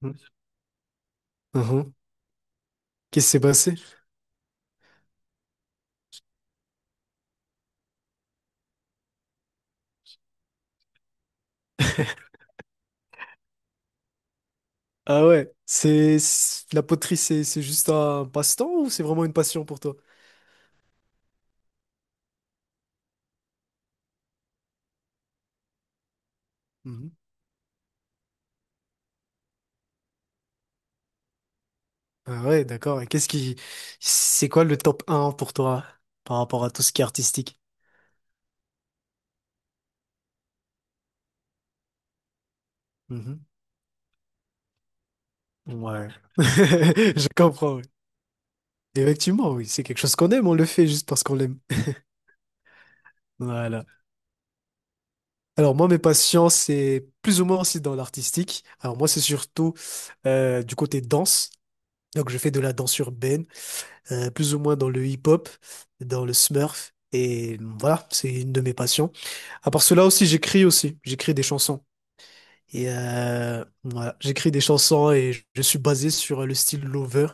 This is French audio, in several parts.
Mhm. Mhm. Qu'est-ce qui s'est passé? Ah ouais, la poterie, c'est juste un passe-temps ou c'est vraiment une passion pour toi? Mhm. Ah ouais, d'accord. C'est quoi le top un pour toi par rapport à tout ce qui est artistique? Mhm. Ouais, je comprends. Oui. Effectivement, oui, c'est quelque chose qu'on aime, on le fait juste parce qu'on l'aime. Voilà. Alors moi, mes passions, c'est plus ou moins aussi dans l'artistique. Alors moi, c'est surtout du côté danse. Donc je fais de la danse urbaine. Plus ou moins dans le hip-hop, dans le smurf. Et voilà, c'est une de mes passions. À part cela aussi. J'écris des chansons. Et voilà, j'écris des chansons et je suis basé sur le style Lover.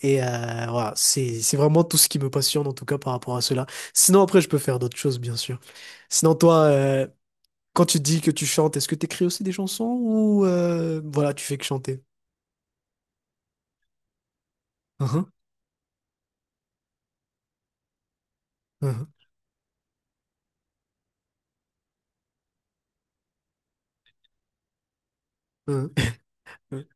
Et voilà, c'est vraiment tout ce qui me passionne en tout cas par rapport à cela. Sinon après, je peux faire d'autres choses, bien sûr. Sinon toi, quand tu dis que tu chantes, est-ce que tu écris aussi des chansons ou voilà, tu fais que chanter? Uhum, uhum, uhum.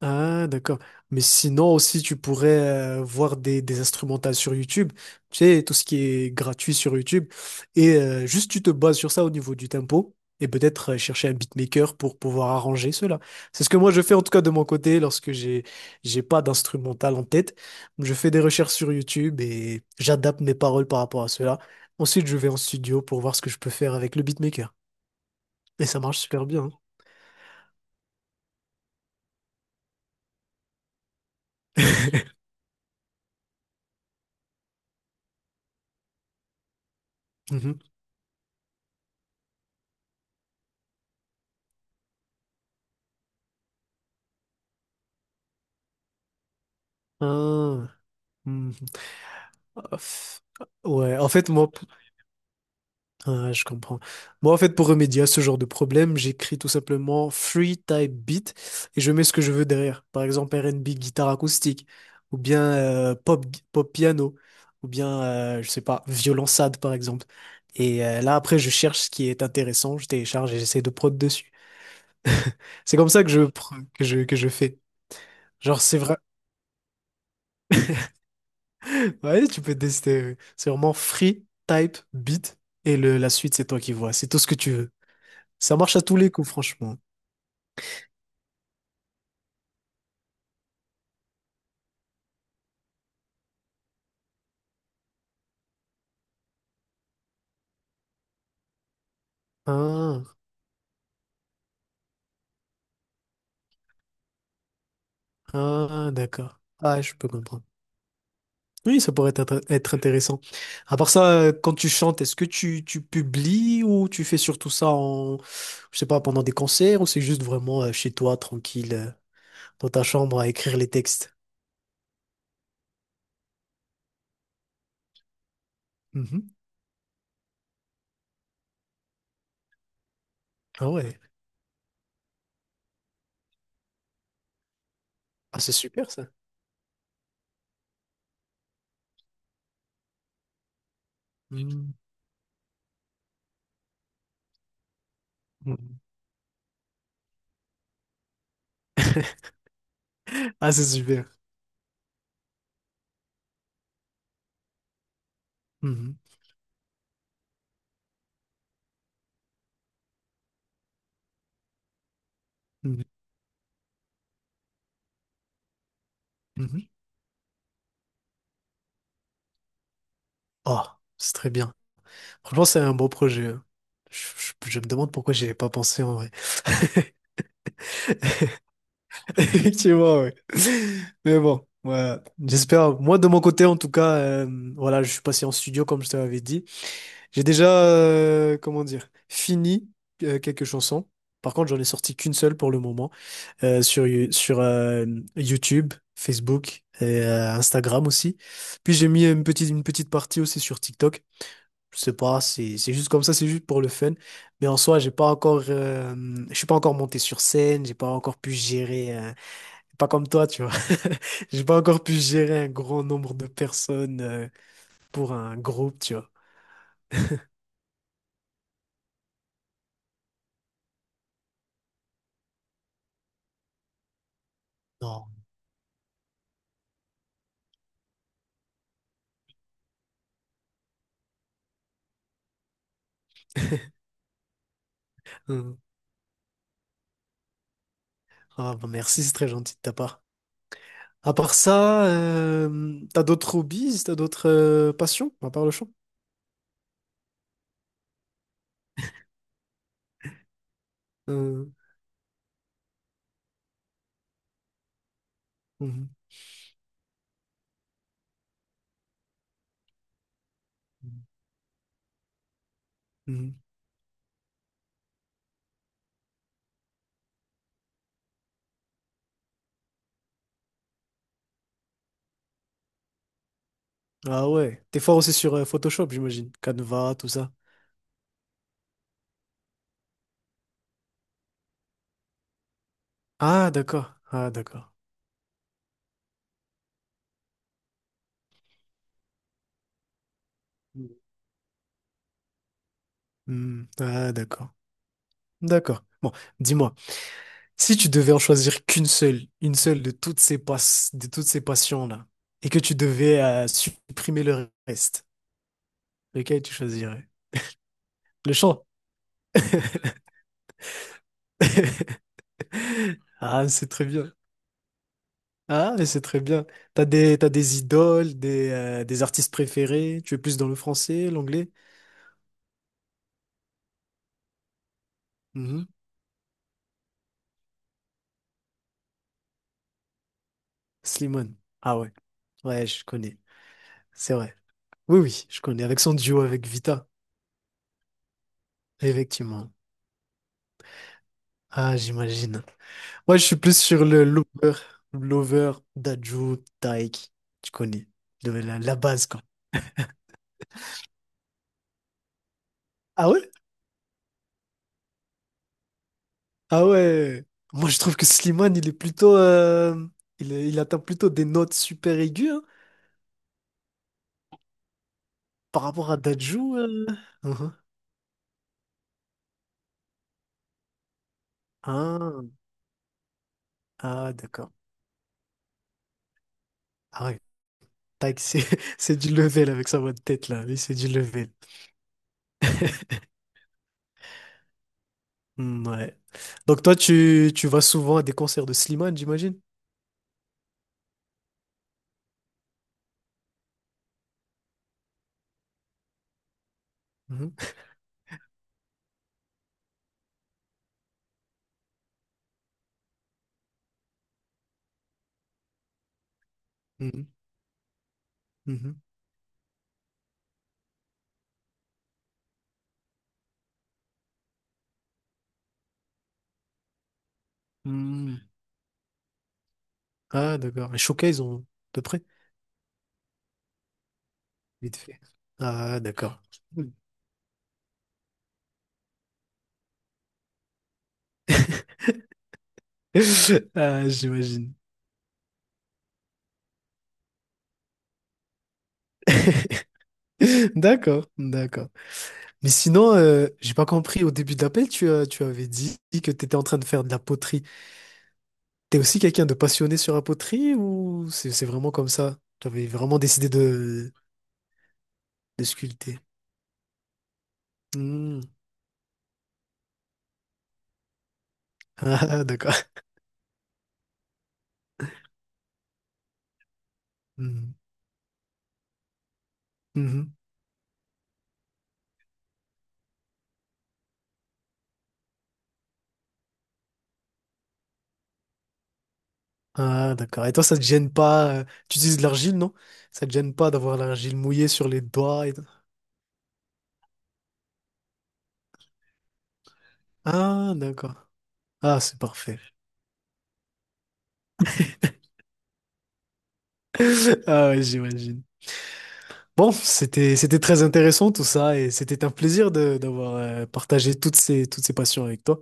Ah, d'accord. Mais sinon aussi, tu pourrais voir des instrumentales sur YouTube, tu sais, tout ce qui est gratuit sur YouTube. Et juste, tu te bases sur ça au niveau du tempo et peut-être chercher un beatmaker pour pouvoir arranger cela. C'est ce que moi, je fais en tout cas de mon côté j'ai pas d'instrumental en tête. Je fais des recherches sur YouTube et j'adapte mes paroles par rapport à cela. Ensuite, je vais en studio pour voir ce que je peux faire avec le beatmaker. Et ça marche super bien. Hein. Mhm. Ah. Mhm. Ouf. Ouais, en fait, moi, ah, je comprends. Moi, en fait, pour remédier à ce genre de problème, j'écris tout simplement free type beat et je mets ce que je veux derrière. Par exemple, R&B, guitare acoustique, ou bien pop, pop piano, ou bien, je sais pas, violon sad par exemple. Et là, après, je cherche ce qui est intéressant, je télécharge et j'essaie de prod dessus. C'est comme ça que je, pr- que je fais. Genre, c'est vrai. Ouais, tu peux tester. Oui. C'est vraiment free, type, beat, et la suite, c'est toi qui vois. C'est tout ce que tu veux. Ça marche à tous les coups, franchement. Ah, ah, d'accord. Ah, je peux comprendre. Oui, ça pourrait être intéressant. À part ça, quand tu chantes, est-ce que tu publies ou tu fais surtout ça en, je sais pas, pendant des concerts ou c'est juste vraiment chez toi, tranquille, dans ta chambre à écrire les textes? Mhm. Ah ouais. Ah, c'est super ça. Mhm. Mhm. Ah, c'est super. Mhm. Mhm. Mhm. Ah, c'est très bien. Franchement, c'est un bon projet. Hein. Je, je me demande pourquoi j'y ai pas pensé en vrai. Effectivement, ouais. Mais bon, ouais. J'espère. Moi, de mon côté, en tout cas, voilà, je suis passé en studio, comme je te l'avais dit. J'ai déjà, comment dire, fini quelques chansons. Par contre, j'en ai sorti qu'une seule pour le moment sur YouTube, Facebook et Instagram aussi. Puis j'ai mis une petite partie aussi sur TikTok. Je sais pas, c'est juste comme ça, c'est juste pour le fun. Mais en soi, j'ai pas encore, je suis pas encore monté sur scène, j'ai pas encore pu gérer, un- pas comme toi, tu vois. J'ai pas encore pu gérer un grand nombre de personnes pour un groupe, tu vois. Non. Hum. Ah, bah merci, c'est très gentil de ta part. À part ça, t'as d'autres hobbies, t'as d'autres passions, à part le chant? Euh, mhm, mhm. Ah ouais, t'es fort aussi sur Photoshop, j'imagine. Canva, tout ça. Ah d'accord, ah d'accord. Hmm. Ah, d'accord. D'accord. Bon, dis-moi, si tu devais en choisir qu'une seule, une seule de toutes ces passions-là, et que tu devais supprimer le reste, lequel tu choisirais? Le chant. Ah, mais c'est très bien. Ah, mais c'est très bien. T'as des idoles, des artistes préférés. Tu es plus dans le français, l'anglais? Mhm. Slimane. Ah ouais. Ouais, je connais. C'est vrai. Oui, oui, je connais. Avec son duo avec Vita. Effectivement. Ah, j'imagine. Moi, je suis plus sur le Lover, Lover, Dadju, Taïk. Tu connais la, la base, quoi. Ah ouais? Ah ouais. Moi, je trouve que Slimane, il est plutôt. Il atteint plutôt des notes super aiguës hein, par rapport à Dadju. Euh. Mhm. Ah, ah, d'accord. Ah ouais. Taïk, c'est c'est du level avec sa voix de tête, là. Lui, c'est du level. Hmm, ouais. Donc, toi, tu vas souvent à des concerts de Slimane, j'imagine? Mhm. Mhm. Mhm. Hmm. Ah, d'accord. Les showcase, on... de près. Vite fait. Ah, d'accord. Ah, j'imagine. D'accord, d'accord. Mais sinon, j'ai pas compris. Au début de l'appel, tu avais dit que tu étais en train de faire de la poterie. T'es aussi quelqu'un de passionné sur la poterie ou c'est vraiment comme ça? Tu avais vraiment décidé de sculpter. Hmm. Ah, d'accord. Hmm. Mhm. Ah, d'accord. Et toi, ça te gêne pas? Tu utilises de l'argile, non? Ça te gêne pas d'avoir l'argile mouillée sur les doigts et tout. Ah, d'accord. Ah, c'est parfait. Ah ouais, j'imagine. Bon, c'était très intéressant tout ça et c'était un plaisir de d'avoir partagé toutes ces passions avec toi.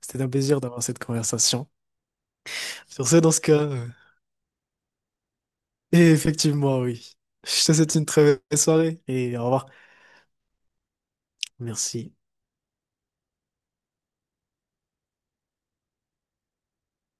C'était un plaisir d'avoir cette conversation. Sur ce, dans ce cas, et effectivement, oui. Je te souhaite une très belle soirée et au revoir. Merci.